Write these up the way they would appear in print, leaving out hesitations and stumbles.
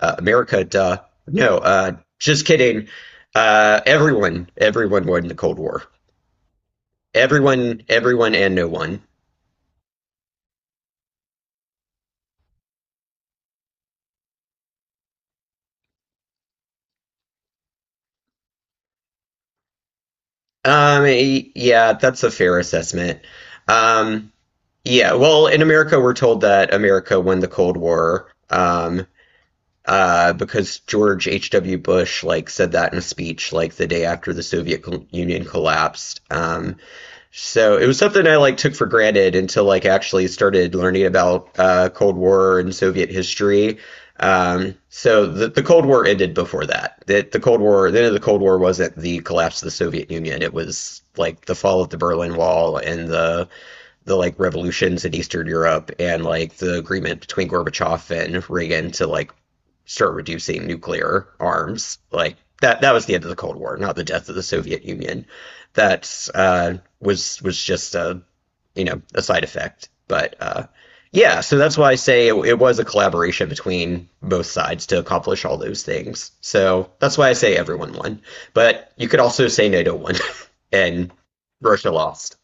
America, duh. No, just kidding. Everyone won the Cold War. Everyone, everyone, and no one. Yeah, that's a fair assessment. Um, yeah, well, in America, we're told that America won the Cold War. Because George H.W. Bush like said that in a speech like the day after the Soviet Union collapsed. So it was something I like took for granted until like actually started learning about Cold War and Soviet history. So the Cold War ended before that. That the Cold War, the end of the Cold War wasn't the collapse of the Soviet Union. It was like the fall of the Berlin Wall and the like revolutions in Eastern Europe and like the agreement between Gorbachev and Reagan to like start reducing nuclear arms. Like that was the end of the Cold War, not the death of the Soviet Union. That was just a a side effect. But yeah, so that's why I say it, it was a collaboration between both sides to accomplish all those things. So that's why I say everyone won. But you could also say NATO won and Russia lost.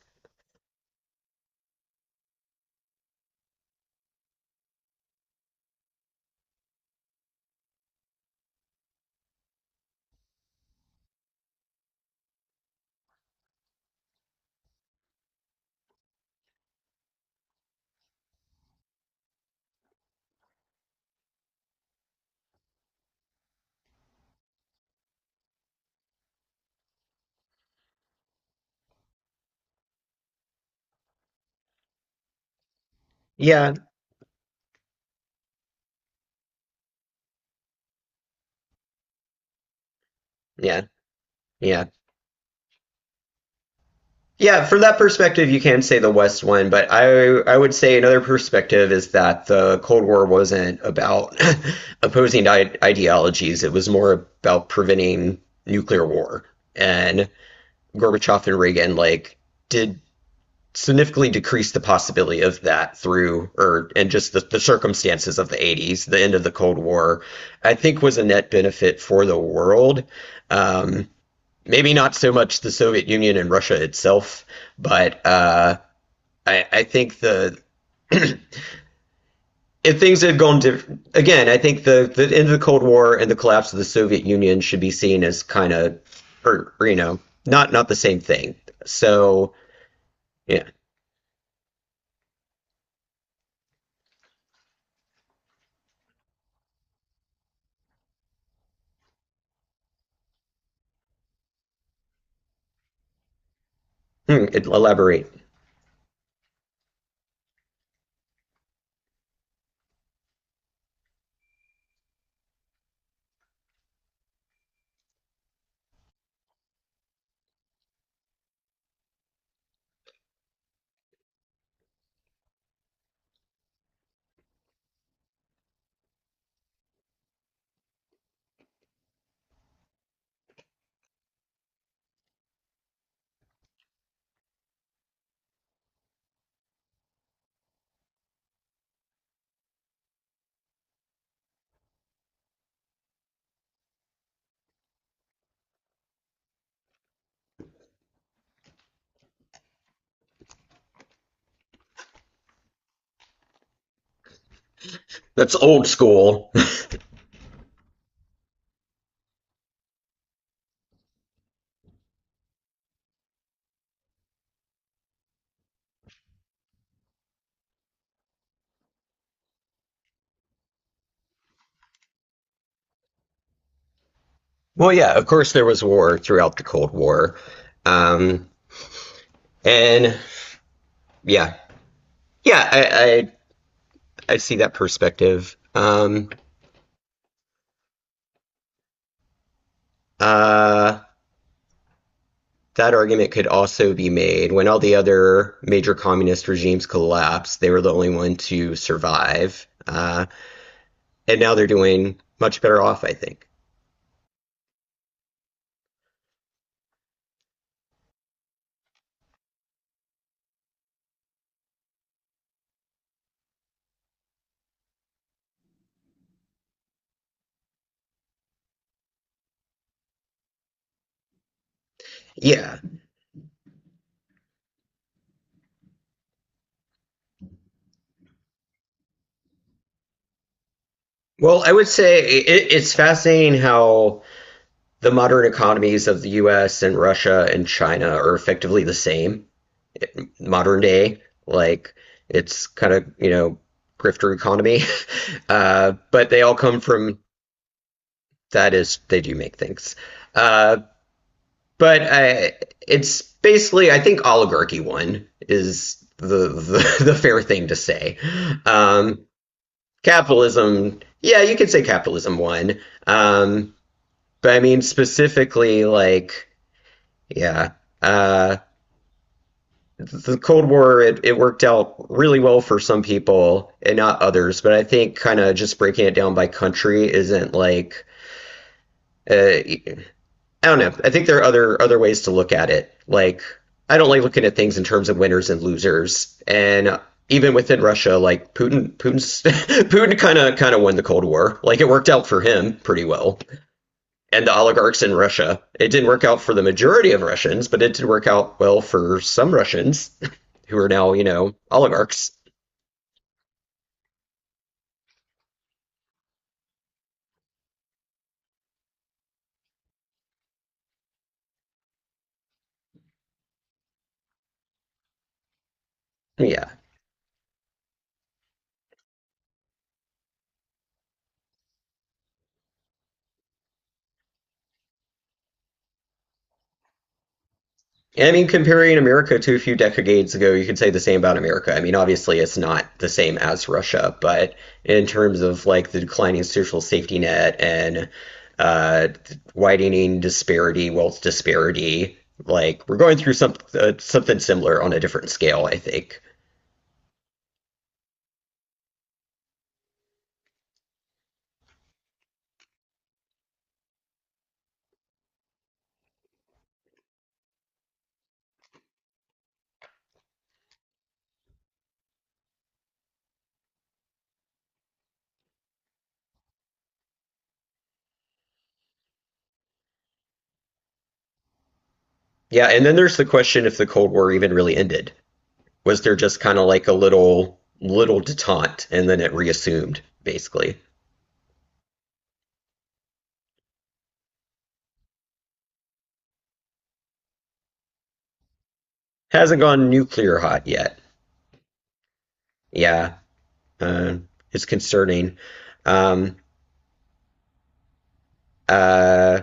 Yeah. Yeah. Yeah. Yeah, from that perspective, you can say the West won, but I would say another perspective is that the Cold War wasn't about opposing ideologies. It was more about preventing nuclear war. And Gorbachev and Reagan like did significantly decrease the possibility of that through or and just the circumstances of the 80s. The end of the Cold War, I think was a net benefit for the world. Um, Maybe not so much the Soviet Union and Russia itself, but I think the if things had gone different again, I think the end of the Cold War and the collapse of the Soviet Union should be seen as kind of, or, not the same thing. So yeah. Hmm, elaborate. That's old school. Well, yeah, of course there was war throughout the Cold War, um, and yeah, yeah, I see that perspective. Uh, That argument could also be made when all the other major communist regimes collapsed, they were the only one to survive. And now they're doing much better off, I think. Yeah. Well, I would say it, it's fascinating how the modern economies of the US and Russia and China are effectively the same modern day. Like, it's kind of, grifter economy. But they all come from that is, they do make things. Uh, But It's basically, I think oligarchy won is the fair thing to say. Um, Capitalism, yeah, you could say capitalism won. Um, but I mean specifically, like, yeah, uh, the Cold War it, it worked out really well for some people and not others. But I think kind of just breaking it down by country isn't like uh, I don't know. I think there are other ways to look at it. Like I don't like looking at things in terms of winners and losers. And even within Russia, like Putin kind of won the Cold War. Like it worked out for him pretty well. And the oligarchs in Russia, it didn't work out for the majority of Russians, but it did work out well for some Russians who are now, oligarchs. Yeah. And I mean, comparing America to a few decades ago, you could say the same about America. I mean, obviously, it's not the same as Russia, but in terms of like the declining social safety net and uh, widening disparity, wealth disparity, like we're going through some something similar on a different scale, I think. Yeah, and then there's the question if the Cold War even really ended. Was there just kind of like a little detente and then it reassumed, basically? Hasn't gone nuclear hot yet. Yeah. Uh, it's concerning. Um, uh,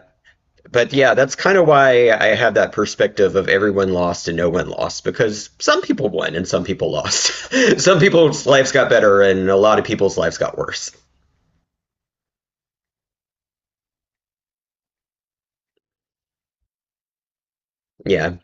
but yeah, that's kind of why I have that perspective of everyone lost and no one lost because some people won and some people lost. Some people's lives got better and a lot of people's lives got worse. Yeah,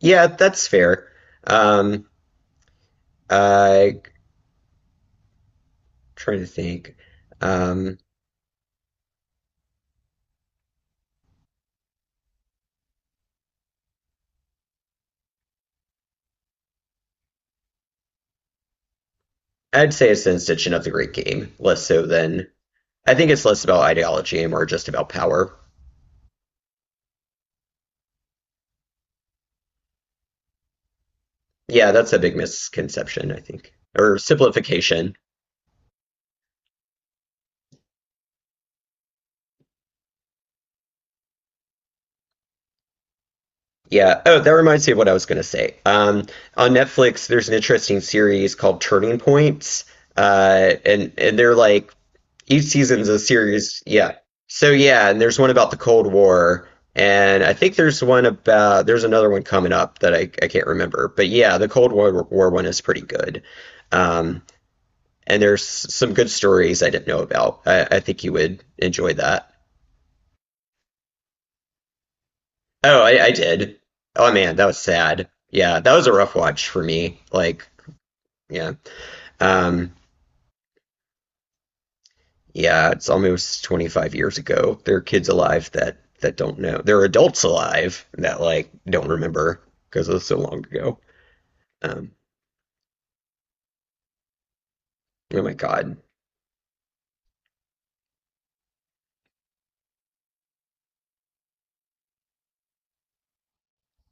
yeah, that's fair. Um, I Trying to think. Um, I'd say it's an extension of the Great Game, less so than I think it's less about ideology and more just about power. Yeah, that's a big misconception, I think, or simplification. Yeah. Oh, that reminds me of what I was going to say. On Netflix, there's an interesting series called Turning Points, and they're like each season's a series. Yeah. So yeah, and there's one about the Cold War, and I think there's one about there's another one coming up that I can't remember. But yeah, the Cold War, War one is pretty good, um, and there's some good stories I didn't know about. I think you would enjoy that. Oh, I did. Oh man, that was sad. Yeah, that was a rough watch for me. Like yeah. Um, yeah, it's almost 25 years ago. There are kids alive that don't know. There are adults alive that like don't remember because it was so long ago. Um, oh my God.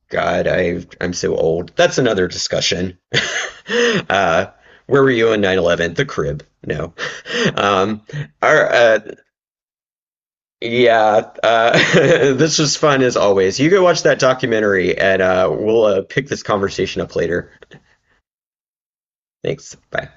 God, I'm so old. That's another discussion. uh, where were you on 9/11? The crib. No. Um, our, uh, yeah, this was fun as always. You go watch that documentary and we'll pick this conversation up later. Thanks. Bye.